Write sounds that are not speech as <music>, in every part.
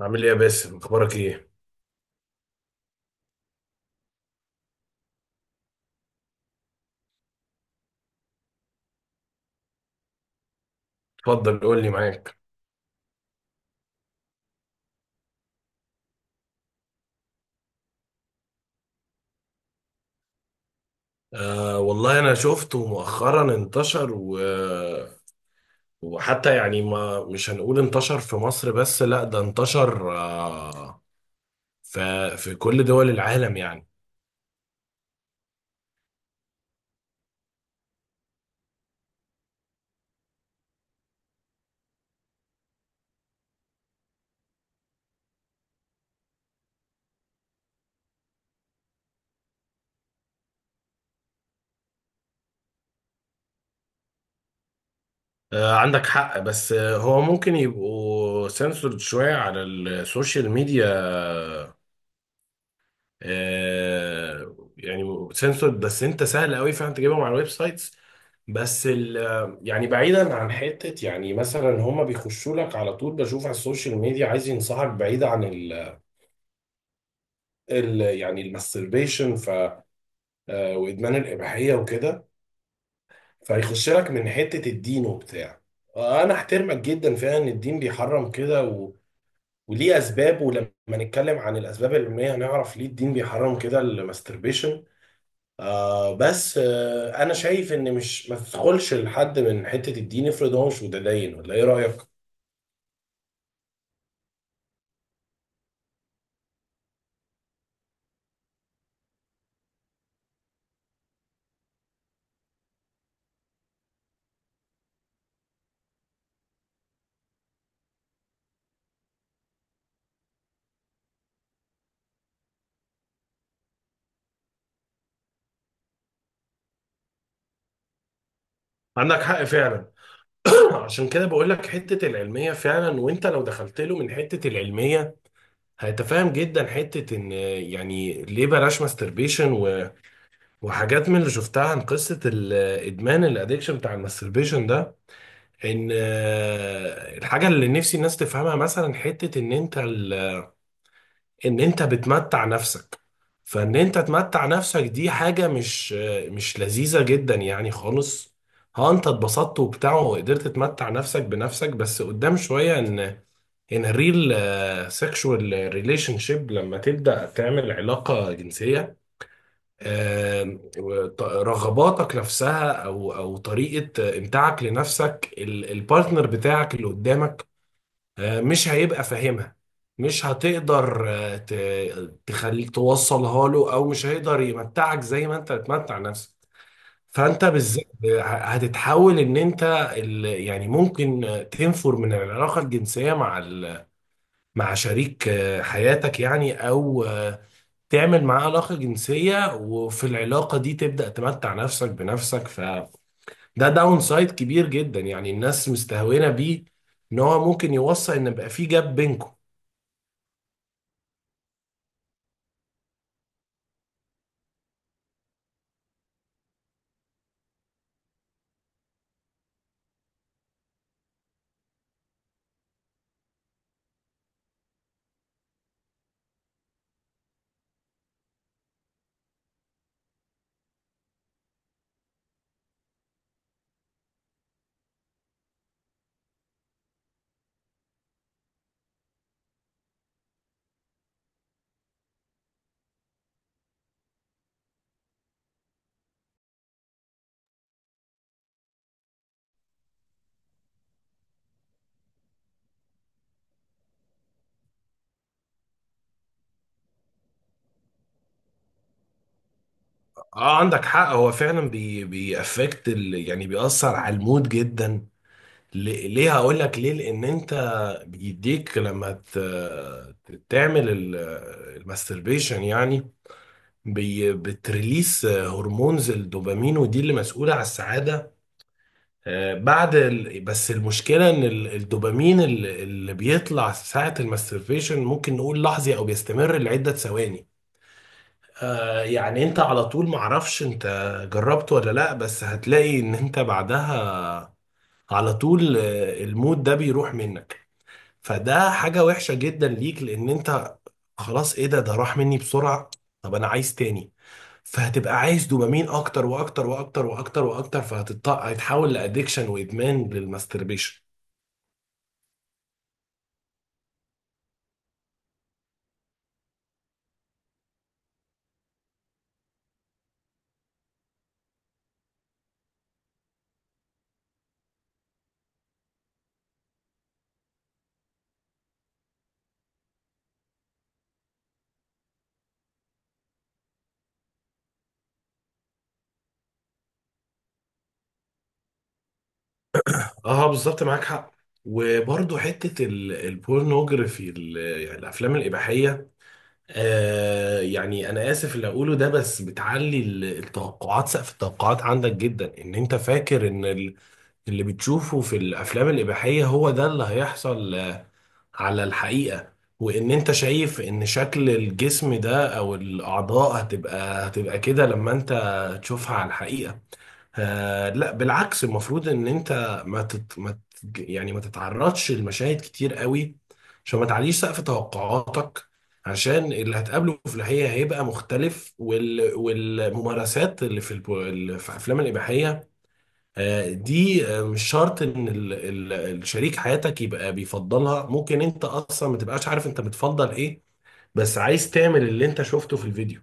عامل ايه يا باسم، اخبارك ايه؟ اتفضل قول لي معاك. آه والله انا شفته مؤخرا انتشر وحتى يعني ما مش هنقول انتشر في مصر بس، لا ده انتشر في كل دول العالم يعني. آه عندك حق، بس هو ممكن يبقوا سنسورد شوية على السوشيال ميديا، يعني سنسورد، بس انت سهل قوي فعلا تجيبهم على الويب سايتس. بس ال يعني بعيدا عن حتة، يعني مثلا هما بيخشوا لك على طول، بشوف على السوشيال ميديا عايز ينصحك بعيد عن ال يعني الماستربيشن، ف آه، وادمان الاباحية وكده. فيخش لك من حتة الدين وبتاع، انا احترمك جدا فعلا ان الدين بيحرم كده، وليه اسباب، ولما نتكلم عن الاسباب العلميه هنعرف ليه الدين بيحرم كده الماستربيشن. آه بس آه انا شايف ان مش ما تدخلش لحد من حته الدين، افرض هو مش متدين، ولا ايه رايك؟ عندك حق فعلا. <clears throat> عشان كده بقول لك حتة العلمية فعلا، وانت لو دخلت له من حتة العلمية هيتفاهم جدا حتة ان يعني ليه بلاش ماستربيشن وحاجات من اللي شفتها عن قصة الادمان، الادكشن بتاع الماستربيشن ده. ان آه، الحاجة اللي نفسي الناس تفهمها مثلا حتة ان انت ال ان انت بتمتع نفسك، فان انت تمتع نفسك دي حاجة مش لذيذة جدا يعني خالص. ها انت اتبسطت وبتاع وقدرت تمتع نفسك بنفسك، بس قدام شوية ان الريل سexual ريليشن شيب، لما تبدأ تعمل علاقة جنسية، رغباتك نفسها، او طريقة امتاعك لنفسك، البارتنر بتاعك اللي قدامك مش هيبقى فاهمها، مش هتقدر تخلي توصلها له، او مش هيقدر يمتعك زي ما انت بتمتع نفسك. فانت بالذات هتتحول، ان انت يعني ممكن تنفر من العلاقه الجنسيه مع مع شريك حياتك يعني، او تعمل معاه علاقه جنسيه وفي العلاقه دي تبدا تمتع نفسك بنفسك، فده داون سايد كبير جدا يعني، الناس مستهونه بيه. ان هو ممكن يوصل ان بقى في جاب بينكم. اه عندك حق، هو فعلا بيأفكت، ال... يعني بيأثر على المود جدا. ليه هقول لك ليه؟ لان انت بيديك لما تعمل الماستربيشن يعني بتريليس هرمونز الدوبامين، ودي اللي مسؤولة على السعادة. بس المشكلة ان الدوبامين اللي بيطلع ساعة الماستربيشن ممكن نقول لحظي او بيستمر لعدة ثواني. آه يعني انت على طول معرفش انت جربت ولا لا، بس هتلاقي ان انت بعدها على طول المود ده بيروح منك. فده حاجة وحشة جدا ليك، لان انت خلاص ايه ده؟ ده راح مني بسرعة، طب انا عايز تاني. فهتبقى عايز دوبامين اكتر واكتر واكتر واكتر واكتر، فهتتحول لادكشن وادمان للماستربيشن. اه بالظبط، معاك حق. وبرضه حتة يعني الافلام الاباحية، انا اسف اللي اقوله ده، بس بتعلي التوقعات، سقف التوقعات عندك جدا، ان انت فاكر ان اللي بتشوفه في الافلام الاباحيه هو ده اللي هيحصل على الحقيقه. وان انت شايف ان شكل الجسم ده او الاعضاء هتبقى كده لما انت تشوفها على الحقيقه. آه لا بالعكس، المفروض ان انت ما يعني ما تتعرضش لمشاهد كتير قوي، عشان ما تعليش سقف توقعاتك، عشان اللي هتقابله في الحقيقة هيبقى مختلف. والممارسات اللي في اللي في افلام الإباحية دي مش شرط ان ال ال الشريك حياتك يبقى بيفضلها، ممكن انت اصلا ما تبقاش عارف انت بتفضل ايه، بس عايز تعمل اللي انت شفته في الفيديو.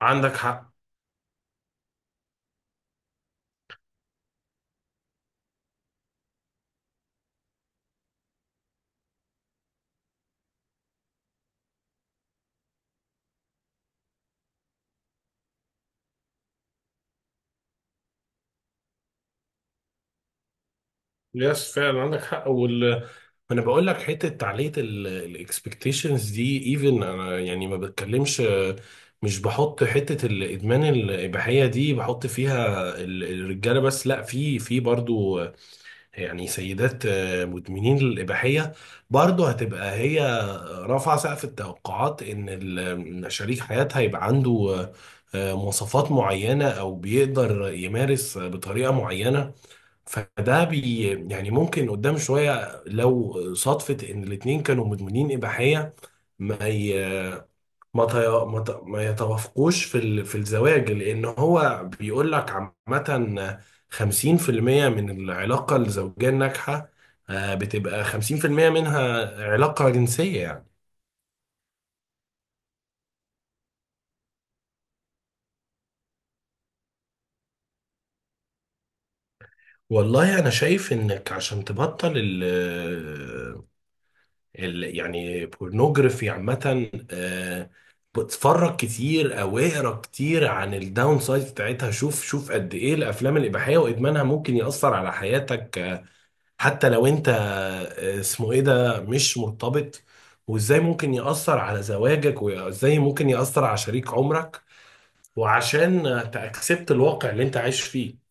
عندك حق. يس فعلا عندك حق. انا بقول لك حته تعليق الاكسبكتيشنز دي، ايفن انا يعني ما بتكلمش، مش بحط حته الادمان الاباحيه دي، بحط فيها الرجاله بس، لا، في برضو يعني سيدات مدمنين الاباحيه برضو، هتبقى هي رافعه سقف التوقعات ان شريك حياتها يبقى عنده مواصفات معينه او بيقدر يمارس بطريقه معينه. فده بي يعني ممكن قدام شوية، لو صدفة إن الاتنين كانوا مدمنين إباحية ما ي... ما, ت... ما, ت... ما يتوافقوش في الزواج، لأن هو بيقول لك عامة 50% من العلاقة الزوجية الناجحة بتبقى 50% منها علاقة جنسية يعني. والله أنا شايف إنك عشان تبطل يعني بورنوجرافي عامة، بتفرج كتير او اقرا كتير عن الداون سايد بتاعتها، شوف شوف قد ايه الافلام الاباحية وادمانها ممكن يأثر على حياتك، حتى لو انت اسمه ايه ده، مش مرتبط، وازاي ممكن يأثر على زواجك، وازاي ممكن يأثر على شريك عمرك، وعشان تأكسبت الواقع اللي انت عايش فيه.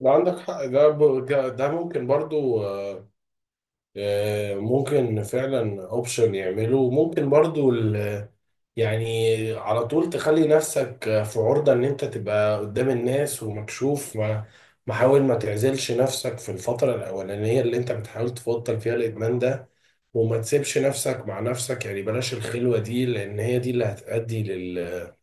ده عندك حق، ده ب- ده ده ممكن برضو ممكن فعلا اوبشن يعمله. ممكن برضو يعني على طول تخلي نفسك في عرضة ان انت تبقى قدام الناس ومكشوف، ما محاول ما تعزلش نفسك في الفترة الأولانية اللي انت بتحاول تبطل فيها الإدمان ده، وما تسيبش نفسك مع نفسك يعني، بلاش الخلوة دي، لأن هي دي اللي هتؤدي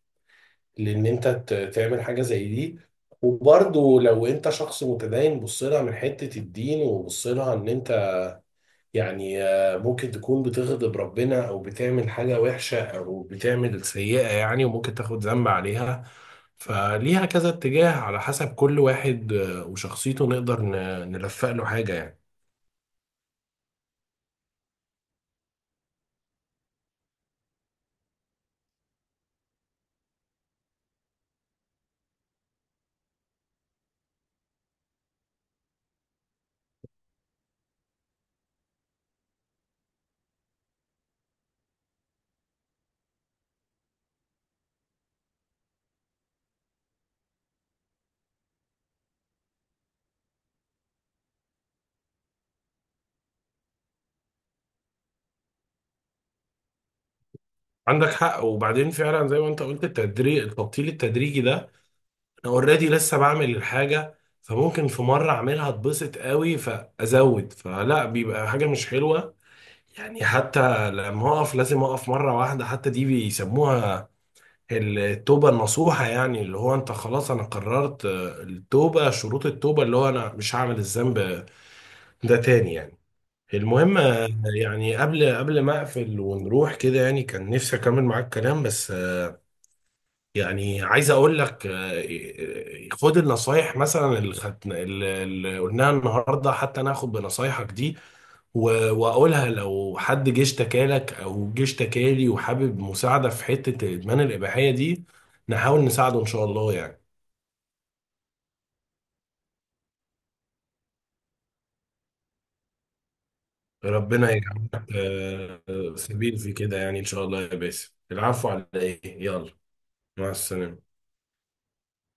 لأن انت تعمل حاجة زي دي. وبرضو لو انت شخص متدين بص لها من حتة الدين، وبص لها ان انت يعني ممكن تكون بتغضب ربنا او بتعمل حاجة وحشة او بتعمل سيئة يعني، وممكن تاخد ذنب عليها. فليها كذا اتجاه على حسب كل واحد وشخصيته، نقدر نلفق له حاجة يعني. عندك حق. وبعدين فعلا زي ما انت قلت، التدريج، التبطيل التدريجي ده انا اوريدي لسه بعمل الحاجة، فممكن في مرة اعملها اتبسط قوي فازود، فلا بيبقى حاجة مش حلوة. يعني حتى لما اقف لازم اقف مرة واحدة، حتى دي بيسموها التوبة النصوحة، يعني اللي هو انت خلاص انا قررت التوبة، شروط التوبة اللي هو انا مش هعمل الذنب ده تاني يعني. المهم يعني قبل ما اقفل ونروح كده، يعني كان نفسي اكمل معاك كلام، بس يعني عايز اقول لك، خد النصايح مثلا اللي خدنا، اللي قلناها النهارده، حتى ناخد بنصايحك دي واقولها لو حد جه اشتكالك او جه اشتكالي، وحابب مساعده في حته الادمان الاباحيه دي نحاول نساعده ان شاء الله يعني. ربنا يجعل لك سبيل في كده يعني ان شاء الله يا باسم. العفو على ايه، يلا مع السلامه.